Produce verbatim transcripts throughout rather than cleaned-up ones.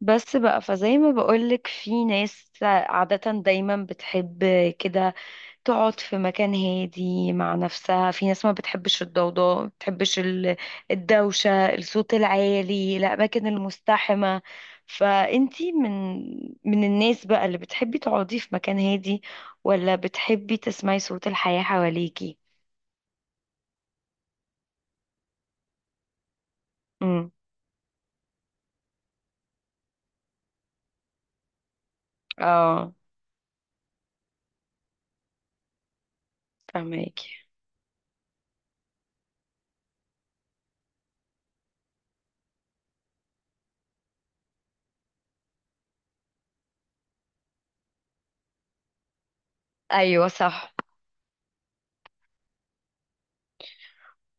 بس بقى فزي ما بقولك، في ناس عادة دايما بتحب كده تقعد في مكان هادي مع نفسها، في ناس ما بتحبش الضوضاء، ما بتحبش ال- الدوشة، الصوت العالي، الأماكن المزدحمة. فأنتي من من الناس بقى اللي بتحبي تقعدي في مكان هادي، ولا بتحبي تسمعي صوت الحياة حواليكي؟ امم اه، فهماكي. ايوه صح،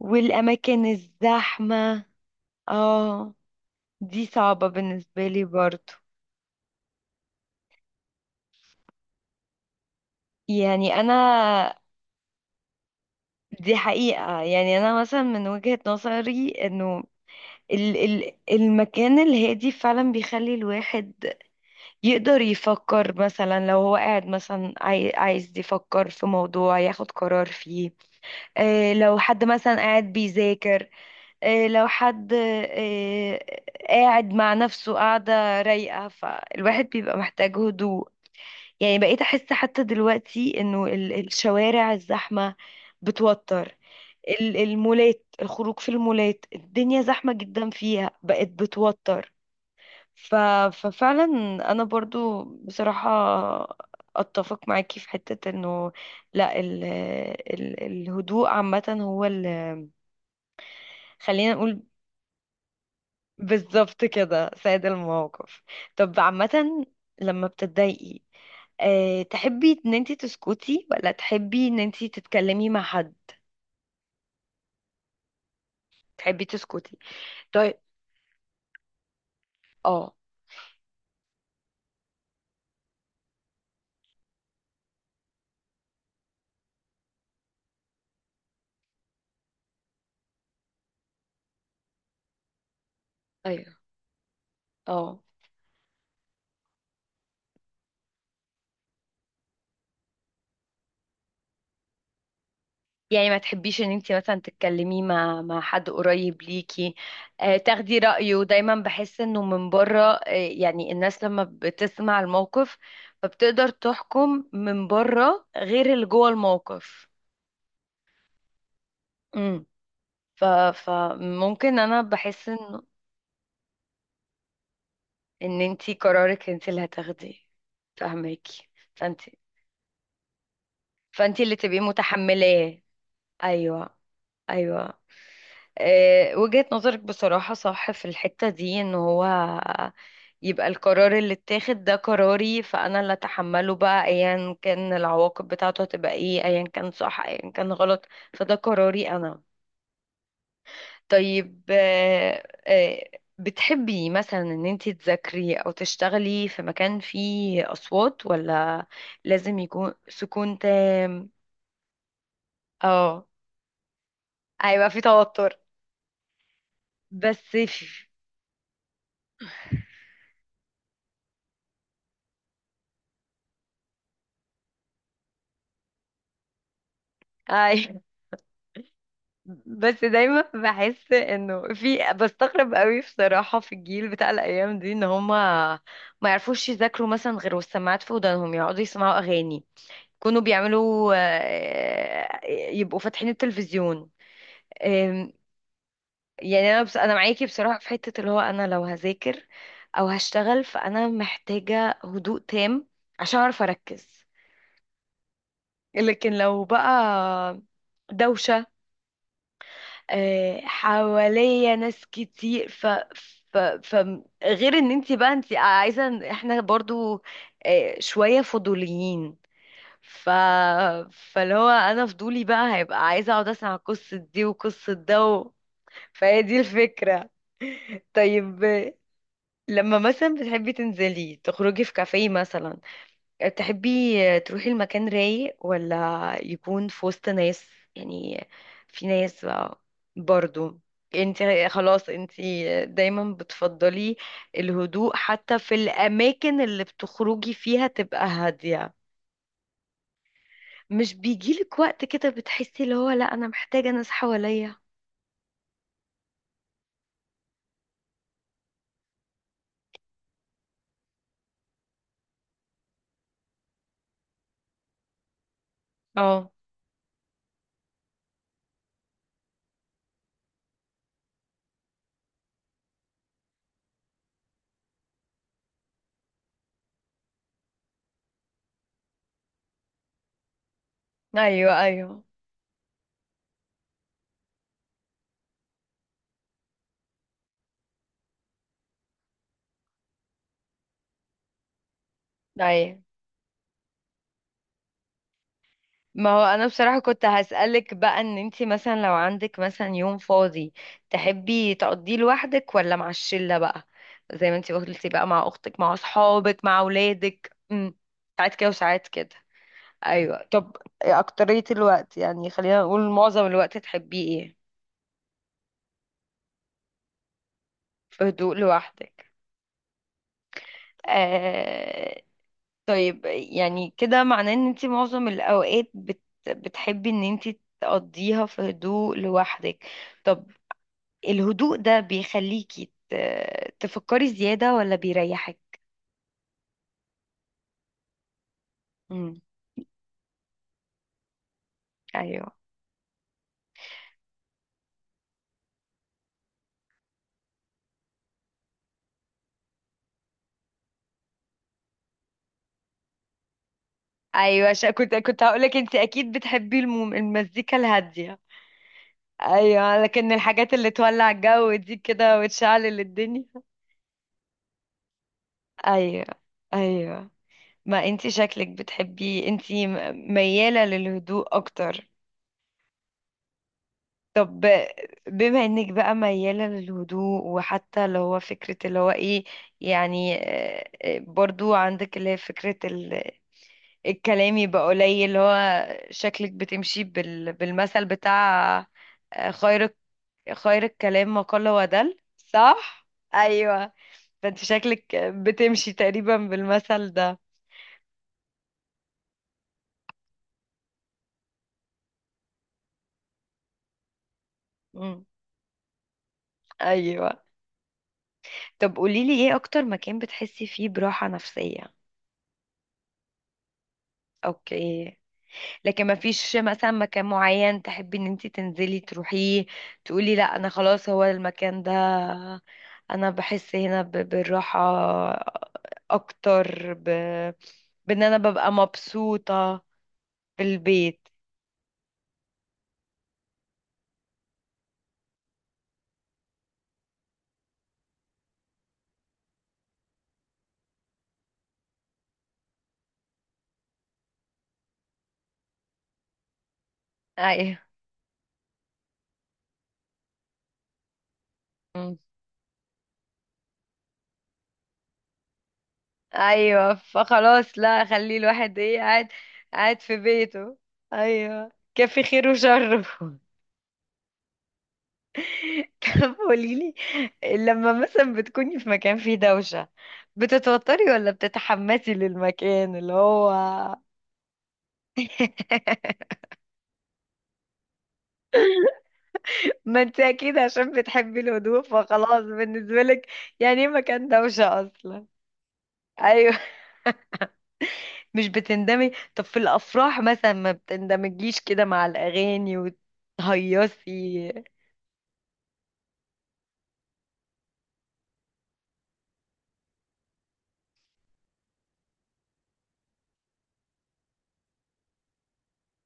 والأماكن الزحمة. اه، دي صعبة بالنسبة لي برضو. يعني أنا، دي حقيقة، يعني أنا مثلا من وجهة نظري أنه ال ال المكان الهادي فعلا بيخلي الواحد يقدر يفكر، مثلا لو هو قاعد مثلا عاي عايز يفكر في موضوع ياخد قرار فيه، آه لو حد مثلا قاعد بيذاكر، آه لو حد آه قاعد مع نفسه، قاعدة رايقة، فالواحد بيبقى محتاج هدوء. يعني بقيت احس حتى دلوقتي انه ال- الشوارع الزحمة بتوتر، ال- المولات، الخروج في المولات، الدنيا زحمة جدا فيها، بقت بتوتر. ف... ففعلا انا برضو بصراحة اتفق معاكي في حتة انه، لا ال... ال... الهدوء عامة هو ال... خلينا نقول، بالظبط كده، سيد الموقف. طب عامة، لما بتتضايقي، أه، تحبي ان انتي تسكتي ولا تحبي ان انتي تتكلمي مع حد؟ تحبي تسكتي. طيب، اه. ايوه، اه، يعني ما تحبيش ان انتي مثلا تتكلمي مع مع حد قريب ليكي، أه، تاخدي رأيه؟ دايما بحس انه من بره، أه، يعني الناس لما بتسمع الموقف فبتقدر تحكم من بره غير اللي جوه الموقف. امم، ف فممكن انا بحس انه ان انتي قرارك انتي اللي هتاخديه. فاهماكي. فانت فانت اللي تبقي متحملاه. ايوه، ايوه، آه، وجهة نظرك بصراحة صح في الحتة دي، ان هو يبقى القرار اللي اتاخد ده قراري، فانا اللي اتحمله بقى، ايا كان العواقب بتاعته هتبقى ايه، ايا كان صح ايا كان غلط، فده قراري انا. طيب، آه، آه، بتحبي مثلا ان انت تذاكري او تشتغلي في مكان فيه اصوات، ولا لازم يكون سكون تام؟ اه، هيبقى في توتر. بس في، اي، بس دايما بحس انه في، بستغرب قوي بصراحة في الجيل بتاع الايام دي ان هما ما يعرفوش يذاكروا مثلا غير والسماعات في ودانهم يقعدوا يسمعوا اغاني. كانوا بيعملوا، آه، يبقوا فاتحين التلفزيون. آم، يعني انا بس، انا معاكي بصراحة في حتة اللي هو، انا لو هذاكر او هشتغل فانا محتاجة هدوء تام عشان اعرف اركز. لكن لو بقى دوشة، آه، حواليا ناس كتير، ف ف ف غير ان انت بقى انت عايزه، احنا برضو، آه، شويه فضوليين، ف فاللي هو انا فضولي بقى هيبقى عايزه اقعد اسمع قصه دي وقصه ده و... فهي دي الفكره. طيب، آه، لما مثلا بتحبي تنزلي تخرجي في كافيه مثلا، تحبي تروحي المكان رايق ولا يكون في وسط ناس؟ يعني في ناس بقى برضو، انت خلاص انت دايما بتفضلي الهدوء حتى في الاماكن اللي بتخرجي فيها تبقى هادية. مش بيجيلك وقت كده بتحسي اللي هو، لا انا محتاجة ناس حواليا؟ اه، ايوه، ايوه، ايوه. ما هو انا بصراحة كنت هسألك بقى، ان انتي مثلا لو عندك مثلا يوم فاضي تحبي تقضيه لوحدك ولا مع الشلة بقى، زي ما انتي قلتي بقى، مع اختك مع اصحابك مع اولادك؟ امم، ساعات كده وساعات كده، ايوه. طب إيه اكترية الوقت، يعني خلينا نقول معظم الوقت تحبيه ايه؟ في هدوء لوحدك. آه... طيب يعني كده معناه ان انتي معظم الاوقات بت... بتحبي ان انتي تقضيها في هدوء لوحدك. طب الهدوء ده بيخليكي ت- تفكري زيادة ولا بيريحك؟ امم، ايوه، ايوه، عشان كنت كنت هقولك انت اكيد بتحبي المم... المزيكا الهادية. ايوه، لكن الحاجات اللي تولع الجو دي كده وتشعل الدنيا. ايوه، ايوه، ما انت شكلك بتحبي انت، م- ميالة للهدوء اكتر. طب بما انك بقى ميالة للهدوء، وحتى اللي هو فكرة اللي هو ايه، يعني، آه، آه، برضو عندك اللي هي فكرة الكلام يبقى قليل، اللي هو شكلك بتمشي بال... بالمثل بتاع، آه، خير، خير الكلام ما قل ودل، صح؟ ايوه، فانت شكلك بتمشي تقريبا بالمثل ده. مم. ايوه، طب قوليلي ايه اكتر مكان بتحسي فيه براحة نفسية؟ اوكي، لكن ما فيش مثلا مكان معين تحبي ان انت تنزلي تروحيه، تقولي لا انا خلاص هو المكان ده، انا بحس هنا ب- بالراحة اكتر ب... بان انا ببقى مبسوطة. في البيت، ايوه. مم. ايوه، فخلاص لا، خلي الواحد ايه، قاعد قاعد في بيته. ايوه، كافي خيره وشره. طب قوليلي، لما مثلا بتكوني في مكان فيه دوشة، بتتوتري ولا بتتحمسي للمكان اللي هو؟ ما انت اكيد عشان بتحبي الهدوء فخلاص بالنسبة لك، يعني ايه مكان دوشة اصلا؟ ايوه، مش بتندمي؟ طب في الافراح مثلا، ما بتندمجيش كده مع الاغاني وتهيصي؟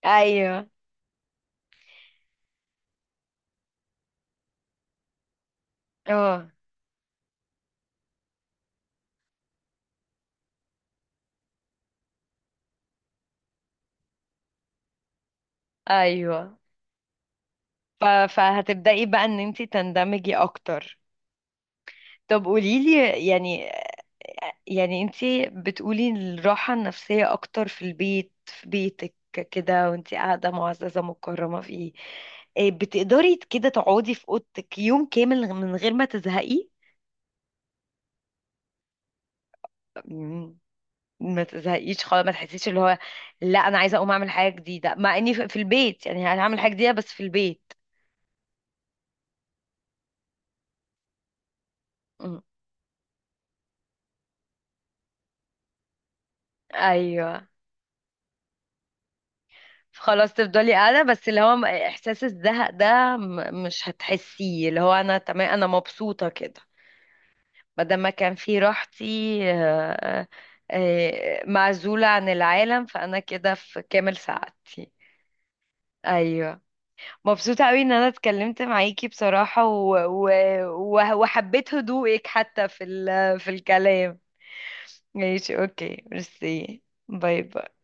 ايوه، اه، ايوه، ف... فهتبدأي بقى ان انت تندمجي اكتر. طب قوليلي، يعني يعني انتي بتقولي الراحة النفسية اكتر في البيت، في بيتك كده، وانتي قاعدة معززة مكرمة فيه. إيه، آه، بتقدري كده تقعدي في اوضتك يوم كامل من غير ما تزهقي؟ مم، ما تزهقيش خالص، ما تحسيش اللي هو، لا انا عايزة اقوم اعمل حاجة جديدة، مع اني في في البيت، يعني هعمل حاجة جديدة بس في البيت. مم. ايوه، خلاص تفضلي قاعدة، بس اللي هو م- احساس الزهق ده م- مش هتحسيه، اللي هو انا تمام، انا مبسوطة كده، بدل ما كان في راحتي، آه، آه، معزولة عن العالم، فأنا كده في كامل سعادتي. أيوة. مبسوطة أوي إن أنا اتكلمت معاكي بصراحة، و... و... و- وحبيت هدوءك حتى في ال... في الكلام. ماشي، أوكي، ميرسي. باي باي.